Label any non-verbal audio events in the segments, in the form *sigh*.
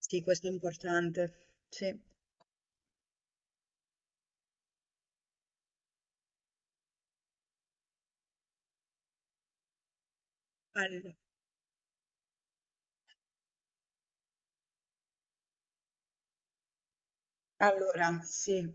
Sì, questo è importante. Sì. Al- allora, sì,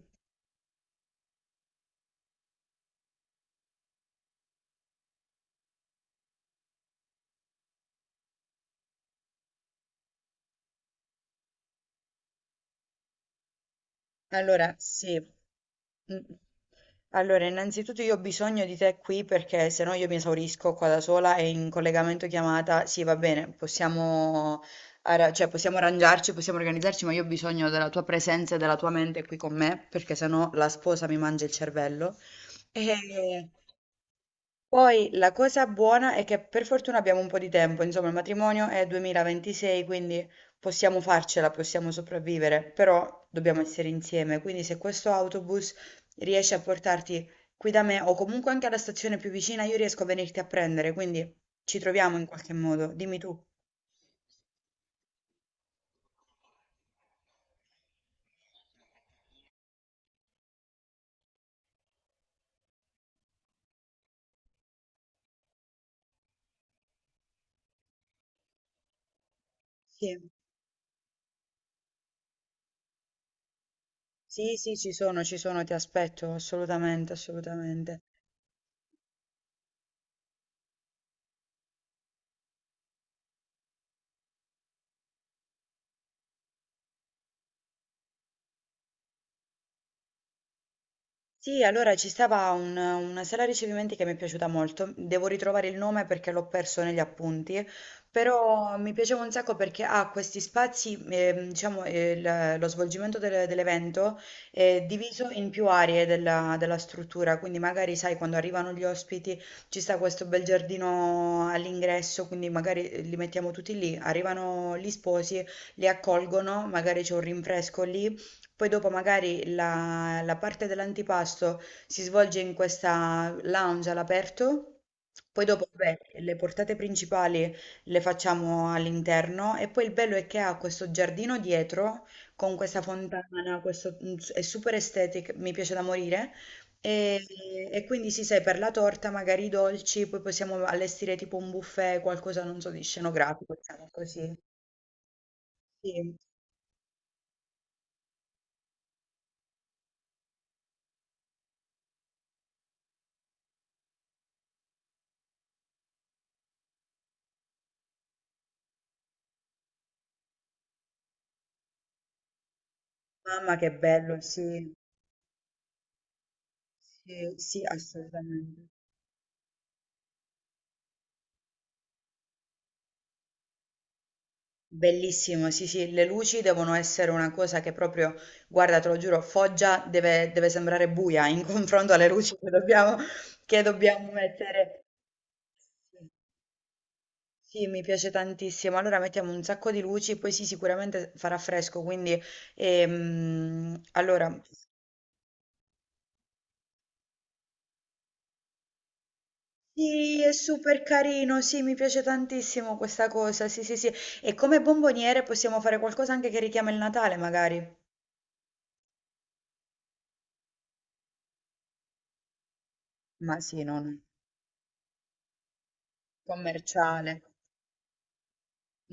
allora, sì. Mm. Allora, innanzitutto io ho bisogno di te qui perché sennò io mi esaurisco qua da sola e in collegamento chiamata, sì, va bene, possiamo, cioè, possiamo arrangiarci, possiamo organizzarci, ma io ho bisogno della tua presenza e della tua mente qui con me perché sennò la sposa mi mangia il cervello. Poi la cosa buona è che per fortuna abbiamo un po' di tempo, insomma, il matrimonio è 2026, quindi possiamo farcela, possiamo sopravvivere, però dobbiamo essere insieme. Quindi se questo autobus riesce a portarti qui da me o comunque anche alla stazione più vicina, io riesco a venirti a prendere, quindi ci troviamo in qualche modo. Dimmi tu. Sì, sì, sì, ci sono, ti aspetto, assolutamente, assolutamente. Sì, allora ci stava una sala ricevimenti che mi è piaciuta molto. Devo ritrovare il nome perché l'ho perso negli appunti, però mi piaceva un sacco perché ha questi spazi, diciamo, lo svolgimento dell'evento è diviso in più aree della, della struttura, quindi magari sai, quando arrivano gli ospiti ci sta questo bel giardino all'ingresso, quindi magari li mettiamo tutti lì, arrivano gli sposi, li accolgono, magari c'è un rinfresco lì poi dopo magari la, la parte dell'antipasto si svolge in questa lounge all'aperto, poi dopo vabbè, le portate principali le facciamo all'interno e poi il bello è che ha questo giardino dietro con questa fontana, questo, è super estetica, mi piace da morire. E, e quindi si sai, per la torta magari i dolci, poi possiamo allestire tipo un buffet, qualcosa, non so, di scenografico, diciamo così. Sì. Mamma che bello, sì. Sì, sì, assolutamente. Bellissimo, sì, sì, le luci devono essere una cosa che proprio, guarda, te lo giuro, Foggia deve, deve sembrare buia in confronto alle luci che dobbiamo mettere. Sì, sì, mi piace tantissimo. Allora mettiamo un sacco di luci, poi sì, sicuramente farà fresco, quindi allora sì, è super carino, sì, mi piace tantissimo questa cosa. Sì, sì, sì. E come bomboniere possiamo fare qualcosa anche che richiama il Natale, magari. Ma sì, no, no, commerciale.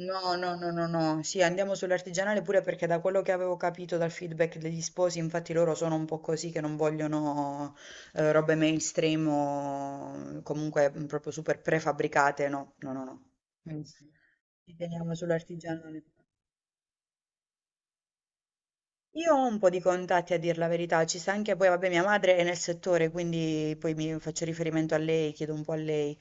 No, no, no, no, no. Sì, andiamo sull'artigianale pure perché da quello che avevo capito dal feedback degli sposi, infatti loro sono un po' così che non vogliono robe mainstream o mm, comunque mm, proprio super prefabbricate. No, no, no, no. Quindi sì, ci teniamo sull'artigianale. Io ho un po' di contatti a dire la verità, ci sta anche poi, vabbè, mia madre è nel settore, quindi poi mi faccio riferimento a lei, chiedo un po' a lei.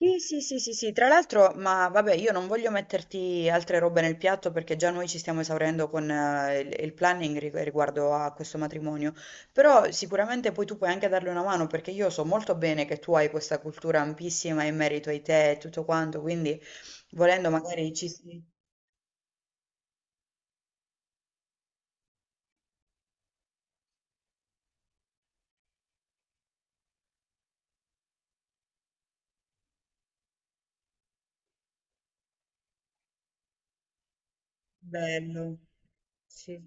Sì, sì, sì, sì, sì, tra l'altro, ma vabbè, io non voglio metterti altre robe nel piatto perché già noi ci stiamo esaurendo con il planning riguardo a questo matrimonio, però sicuramente poi tu puoi anche darle una mano perché io so molto bene che tu hai questa cultura ampissima in merito ai tè e tutto quanto, quindi volendo magari ci si... Bello, sì,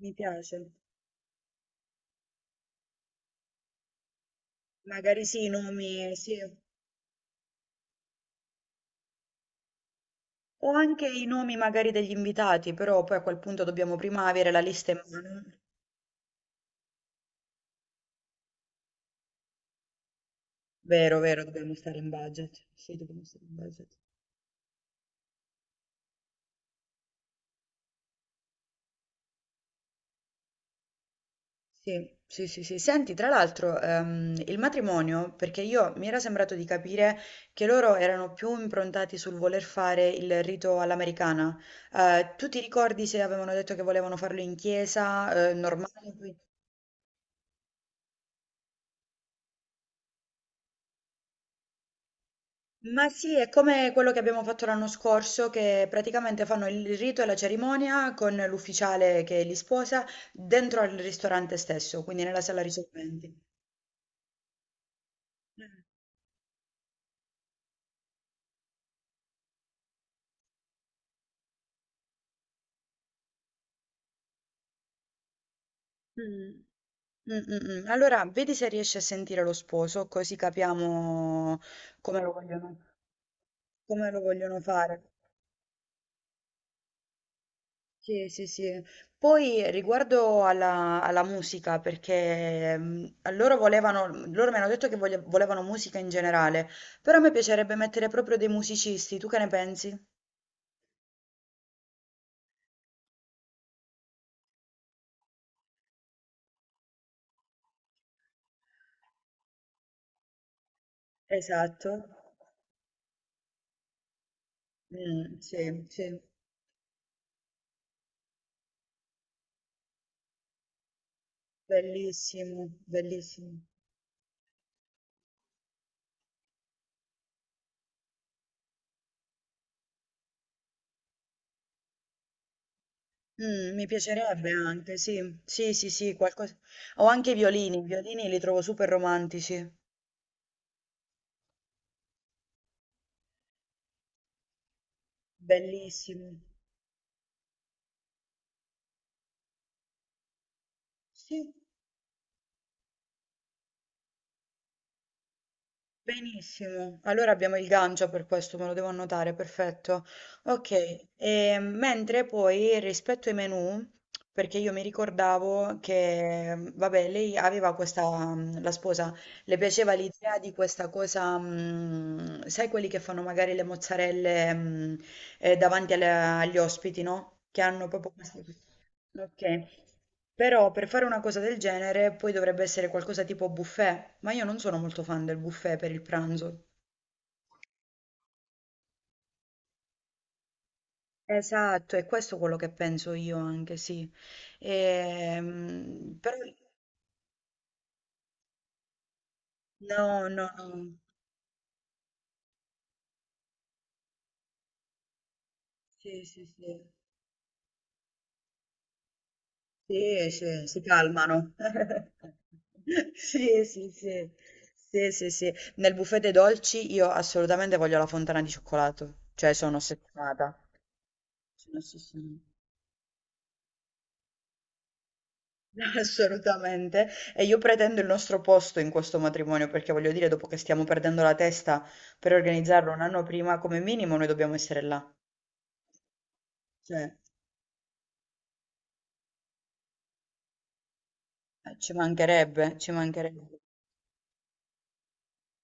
mi piace. Magari sì, i nomi, sì. O anche i nomi magari degli invitati, però poi a quel punto dobbiamo prima avere la lista in mano. Vero, vero, dobbiamo stare in budget. Sì, dobbiamo stare in budget. Sì, sì, sì, sì. Senti, tra l'altro, il matrimonio, perché io mi era sembrato di capire che loro erano più improntati sul voler fare il rito all'americana. Tu ti ricordi se avevano detto che volevano farlo in chiesa, normale? Ma sì, è come quello che abbiamo fatto l'anno scorso, che praticamente fanno il rito e la cerimonia con l'ufficiale che li sposa dentro al ristorante stesso, quindi nella sala risolventi. Mm, mm, mm, mm. Allora, vedi se riesci a sentire lo sposo, così capiamo come lo vogliono, come lo vogliono fare. Sì, sì, sì. Poi riguardo alla, alla musica, perché mm, loro volevano, mhmm, loro mi hanno detto che volevano musica in generale, però a me piacerebbe mettere proprio dei musicisti, tu che ne pensi? Esatto. Mm, sì, sì, bellissimo, bellissimo. Mi piacerebbe anche, sì. Sì, sì, sì, qualcosa o anche i violini li trovo super romantici, bellissimi. Sì. Benissimo, allora abbiamo il Gangia per questo, me lo devo annotare, perfetto. Ok, e mentre poi rispetto ai menu, perché io mi ricordavo che, mm, vabbè, lei aveva questa, mm, la sposa, le piaceva l'idea di questa cosa, mm, sai quelli che fanno magari le mozzarelle, mm, davanti agli ospiti, no? Che hanno proprio questa... Ok, però per fare una cosa del genere poi dovrebbe essere qualcosa tipo buffet, ma io non sono molto fan del buffet per il pranzo. Esatto, è questo quello che penso io anche, sì. Però no, no, no. Sì, sì, sì. Sì, sì, si calmano. *laughs* Sì, sì, sì. Sì, sì, sì. Nel buffet dei dolci io assolutamente voglio la fontana di cioccolato, cioè sono ossessionata. Sono ossessionata. *laughs* Assolutamente. E io pretendo il nostro posto in questo matrimonio perché voglio dire, dopo che stiamo perdendo la testa per organizzarlo un anno prima, come minimo noi dobbiamo essere là. Cioè, ci mancherebbe, ci mancherebbe.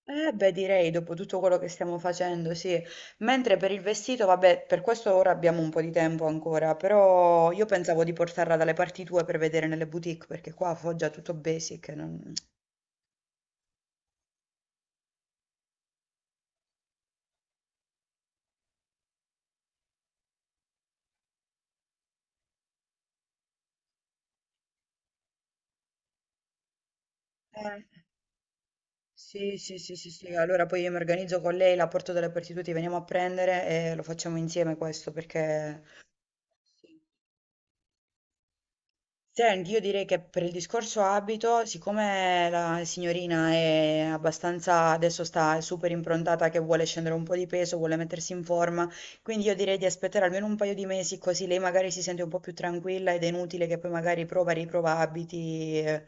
Eh beh, direi dopo tutto quello che stiamo facendo, sì. Mentre per il vestito, vabbè, per questo ora abbiamo un po' di tempo ancora, però io pensavo di portarla dalle parti tue per vedere nelle boutique perché qua a Foggia è tutto basic. Eh. Sì, sì, sì, sì, sì, allora poi io mi organizzo con lei, la porto dalle partite, ti veniamo a prendere e lo facciamo insieme questo perché... Senti, io direi che per il discorso abito, siccome la signorina è abbastanza, adesso sta super improntata che vuole scendere un po' di peso, vuole mettersi in forma, quindi io direi di aspettare almeno un paio di mesi così lei magari si sente un po' più tranquilla ed è inutile che poi magari prova, riprova abiti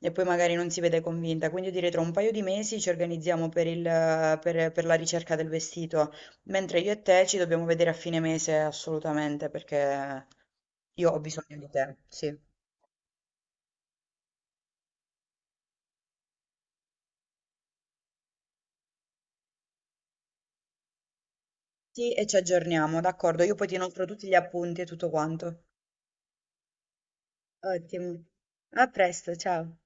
e, poi magari non si vede convinta. Quindi io direi tra un paio di mesi ci organizziamo per il, per la ricerca del vestito, mentre io e te ci dobbiamo vedere a fine mese assolutamente perché io ho bisogno di te, sì. Sì, e ci aggiorniamo, d'accordo. Io poi ti inoltro tutti gli appunti e tutto quanto. Ottimo. A presto, ciao.